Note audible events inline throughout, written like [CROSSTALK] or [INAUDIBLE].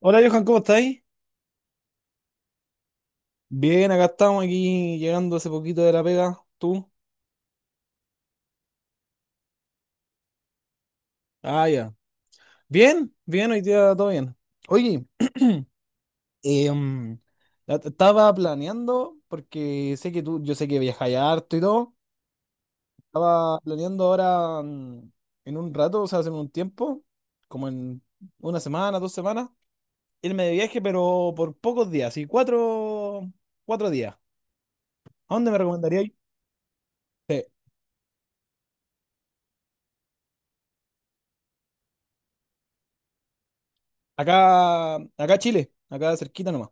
Hola, Johan, ¿cómo estáis? Bien, acá estamos aquí llegando hace poquito de la pega. ¿Tú? Ah, ya. Bien, bien, hoy día todo bien. Oye, [CLEARS THROAT] em, estaba planeando, porque sé que tú, yo sé que viajáis harto y todo. Estaba planeando ahora en un rato, o sea, hace un tiempo, como en una semana, dos semanas, irme de viaje, pero por pocos días, y cuatro días. ¿A dónde me recomendaríais? Sí, acá Chile, acá cerquita nomás.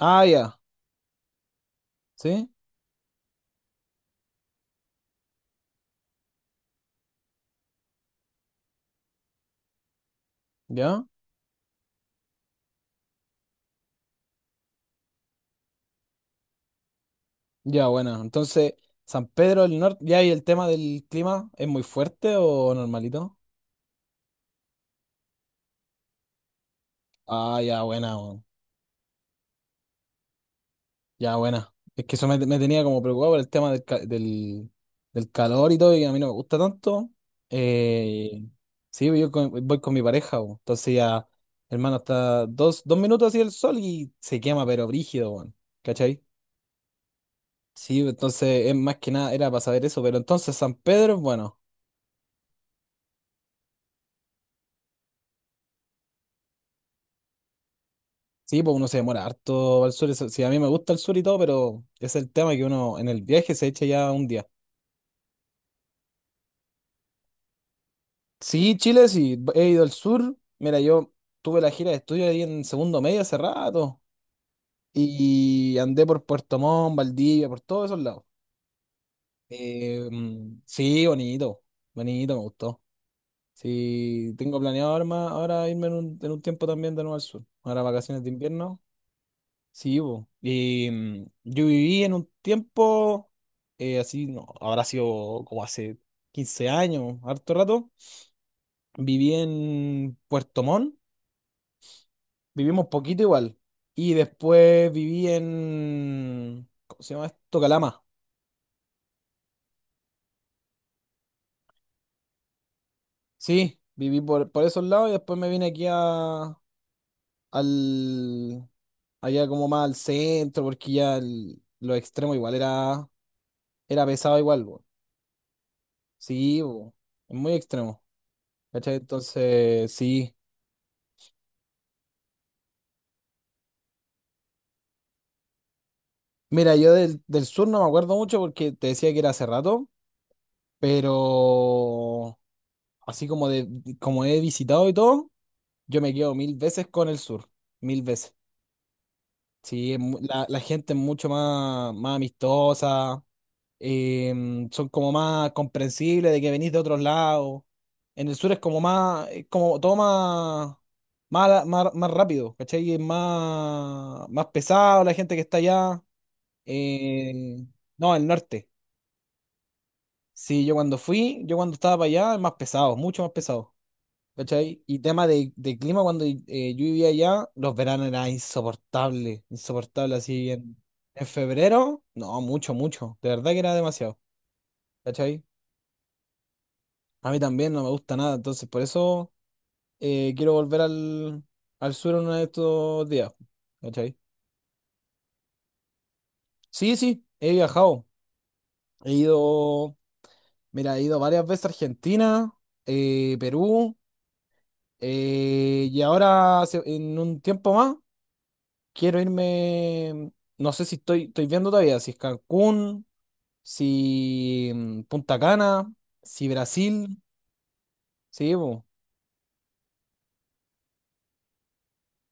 Ah, ya, sí, ya, ya, bueno. Entonces, San Pedro del Norte, ya, y el tema del clima, ¿es muy fuerte o normalito? Ah, ya, buena, weón. Ya, buena. Es que eso me, me tenía como preocupado por el tema del del, calor y todo, y a mí no me gusta tanto. Eh, sí, pues, yo voy con mi pareja, weón. Entonces ya, hermano, está dos minutos así el sol y se quema, pero brígido, weón. ¿Cachai? Sí, pues, entonces es más que nada, era para saber eso, pero entonces San Pedro es bueno. Sí, pues uno se demora harto al sur. Sí, a mí me gusta el sur y todo, pero es el tema que uno en el viaje se echa ya un día. Sí, Chile, sí, he ido al sur. Mira, yo tuve la gira de estudio ahí en segundo medio hace rato y andé por Puerto Montt, Valdivia, por todos esos lados. Sí, bonito, bonito, me gustó. Sí, tengo planeado ahora, ahora irme en en un tiempo también de nuevo al sur. Ahora vacaciones de invierno. Sí, bo. Y yo viví en un tiempo, así, no, habrá sido como hace 15 años, harto rato. Viví en Puerto Montt, vivimos poquito igual. Y después viví en, ¿cómo se llama esto? Calama. Sí, viví por esos lados y después me vine aquí al, allá como más al centro, porque ya los extremos igual era pesado igual, bo. Sí, bo, es muy extremo. ¿Cachai? Entonces, sí. Mira, yo del sur no me acuerdo mucho porque te decía que era hace rato, pero así como he visitado y todo, yo me quedo mil veces con el sur, mil veces. Sí, la gente es mucho más, más amistosa, son como más comprensibles de que venís de otros lados. En el sur es como más, es como todo más, más rápido, ¿cachai? Es más, más pesado la gente que está allá. Eh, no, el norte. Sí, yo cuando fui, yo cuando estaba para allá, es más pesado, mucho más pesado. ¿Cachai? Y tema de clima, cuando yo vivía allá, los veranos eran insoportables, insoportables así en febrero, no, mucho, mucho. De verdad que era demasiado. ¿Cachai? A mí también no me gusta nada, entonces por eso quiero volver al sur uno de estos días. ¿Cachai? Sí, sí, he viajado. He ido, mira, he ido varias veces a Argentina, Perú. Y ahora, en un tiempo más, quiero irme. No sé si estoy viendo todavía, si es Cancún, si Punta Cana, si Brasil. Sí, po.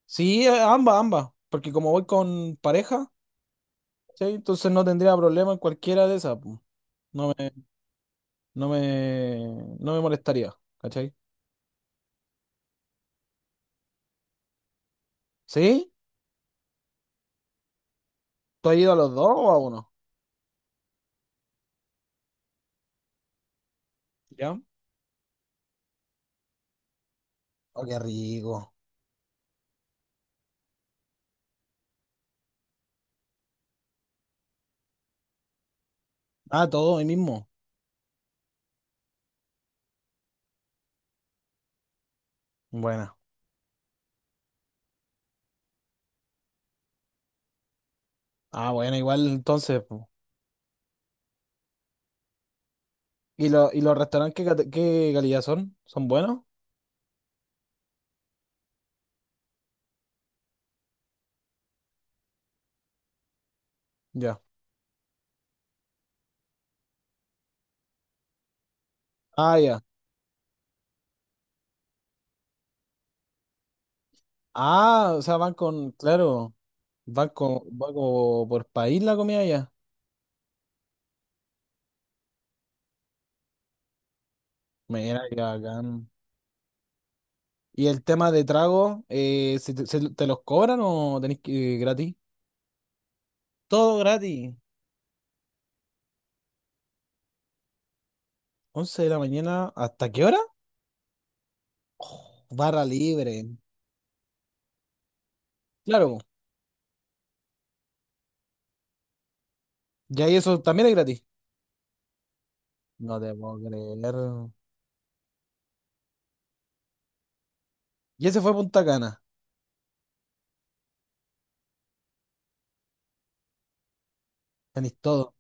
Sí, ambas, ambas. Porque como voy con pareja, ¿sí? Entonces no tendría problema en cualquiera de esas. Po. No me, no me molestaría, ¿cachai? ¿Sí? ¿Tú has ido a los dos o a uno? ¿Ya? Oh, qué rico. Ah, todo hoy mismo. Buena. Ah, bueno, igual entonces. ¿Y, y los restaurantes qué, qué calidad son? ¿Son buenos? Ya. Ah, ya. Ah, o sea, van con, claro, van con, van como por país la comida ya. Mira, qué bacán. ¿Y el tema de trago, ¿se te, te los cobran o tenés que gratis? Todo gratis. Once de la mañana, ¿hasta qué hora? Oh, barra libre. Claro, ya y eso también es gratis. No te puedo creer. Y ese fue Punta Cana. Tenéis todo.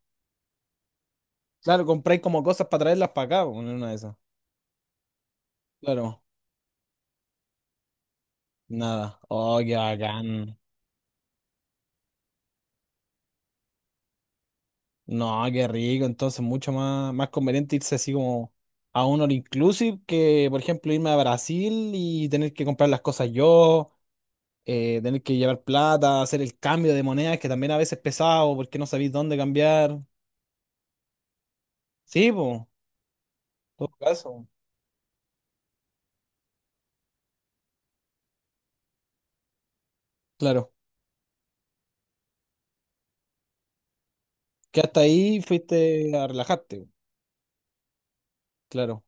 Claro, compráis como cosas para traerlas para acá, po, en una de esas. Claro. Nada. Oh, qué bacán. No, qué rico. Entonces, mucho más, más conveniente irse así como a un all inclusive que, por ejemplo, irme a Brasil y tener que comprar las cosas yo, tener que llevar plata, hacer el cambio de monedas, que también a veces es pesado porque no sabéis dónde cambiar. Sí, pues, todo caso. Claro. Que hasta ahí fuiste a relajarte. Po. Claro.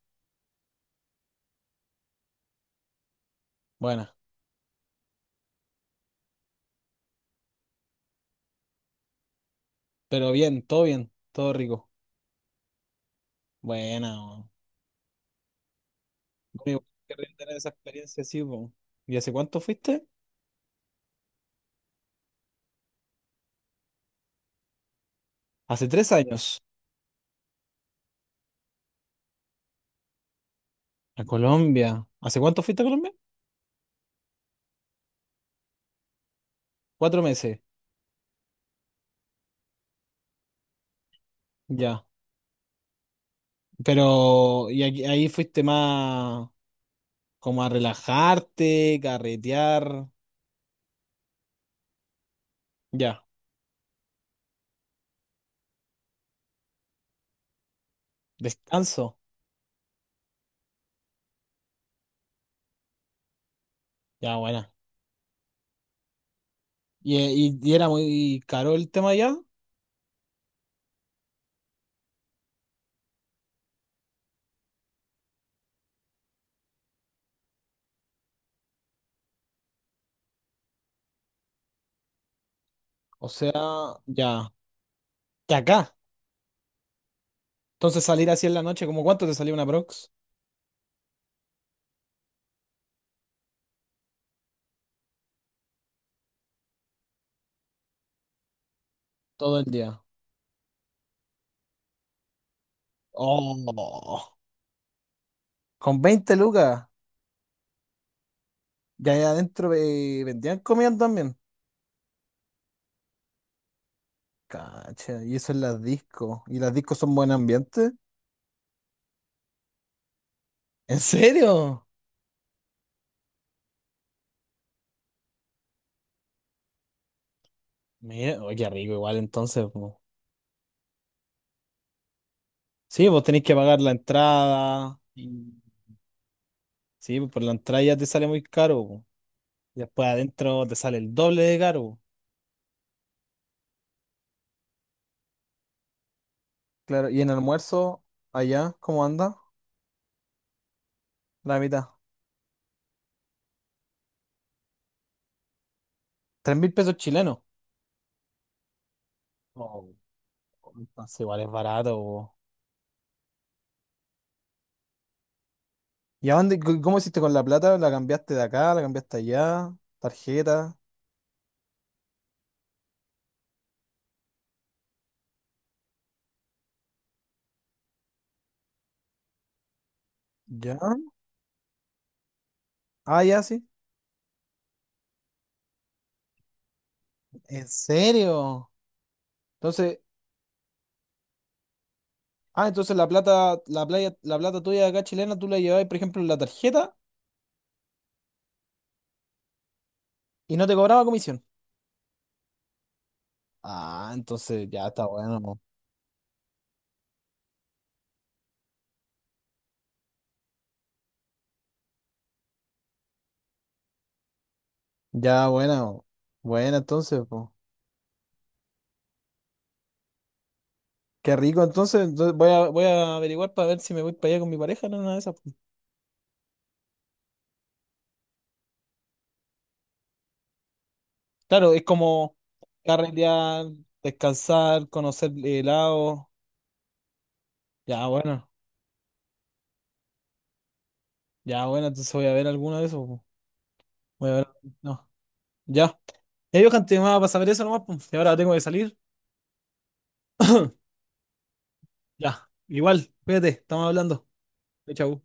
Buena. Pero bien, todo rico. Buena. Po. Amigo, qué rico tener esa experiencia así, po. ¿Y hace cuánto fuiste? Hace 3 años a Colombia. ¿Hace cuánto fuiste a Colombia? 4 meses, ya. Pero, ¿y ahí fuiste más como a relajarte, carretear? Ya, descanso. Ya, buena. ¿Y, y era muy caro el tema ya? O sea, ya. Que acá. Entonces salir así en la noche, ¿cómo cuánto te salió una prox? Todo el día. Oh, con 20 lucas. Ya ahí adentro vendían comida también. Cacha, y eso es las discos. ¿Y las discos son buen ambiente? ¿En serio? Mira, oye, qué rico igual entonces. Po. Sí, vos tenés que pagar la entrada. Sí, pues por la entrada ya te sale muy caro. Po. Y después adentro te sale el doble de caro. Po. Claro, y en almuerzo, allá, ¿cómo anda? La mitad. 3.000 pesos chilenos. Oh, entonces igual es barato. Po. ¿Y a dónde, cómo hiciste con la plata? ¿La cambiaste de acá? ¿La cambiaste allá? ¿Tarjeta? ¿Ya? Ah, ya, sí. ¿En serio? Entonces, ah, entonces la plata, la playa, la plata tuya de acá chilena, tú la llevabas, por ejemplo, en la tarjeta y no te cobraba comisión. Ah, entonces ya está bueno, po. Ya bueno, bueno, entonces, po. Qué rico, entonces, entonces voy voy a averiguar para ver si me voy para allá con mi pareja, no, una de esas. Po. Claro, es como carretear, descansar, conocer helado. Ya bueno, ya bueno, entonces voy a ver alguno de esos, po. Voy a ver, no, ya. Ya, Johan, te llamaba para saber eso nomás, po. Y ahora tengo que salir. Ya, igual, cuídate, estamos hablando. Chau.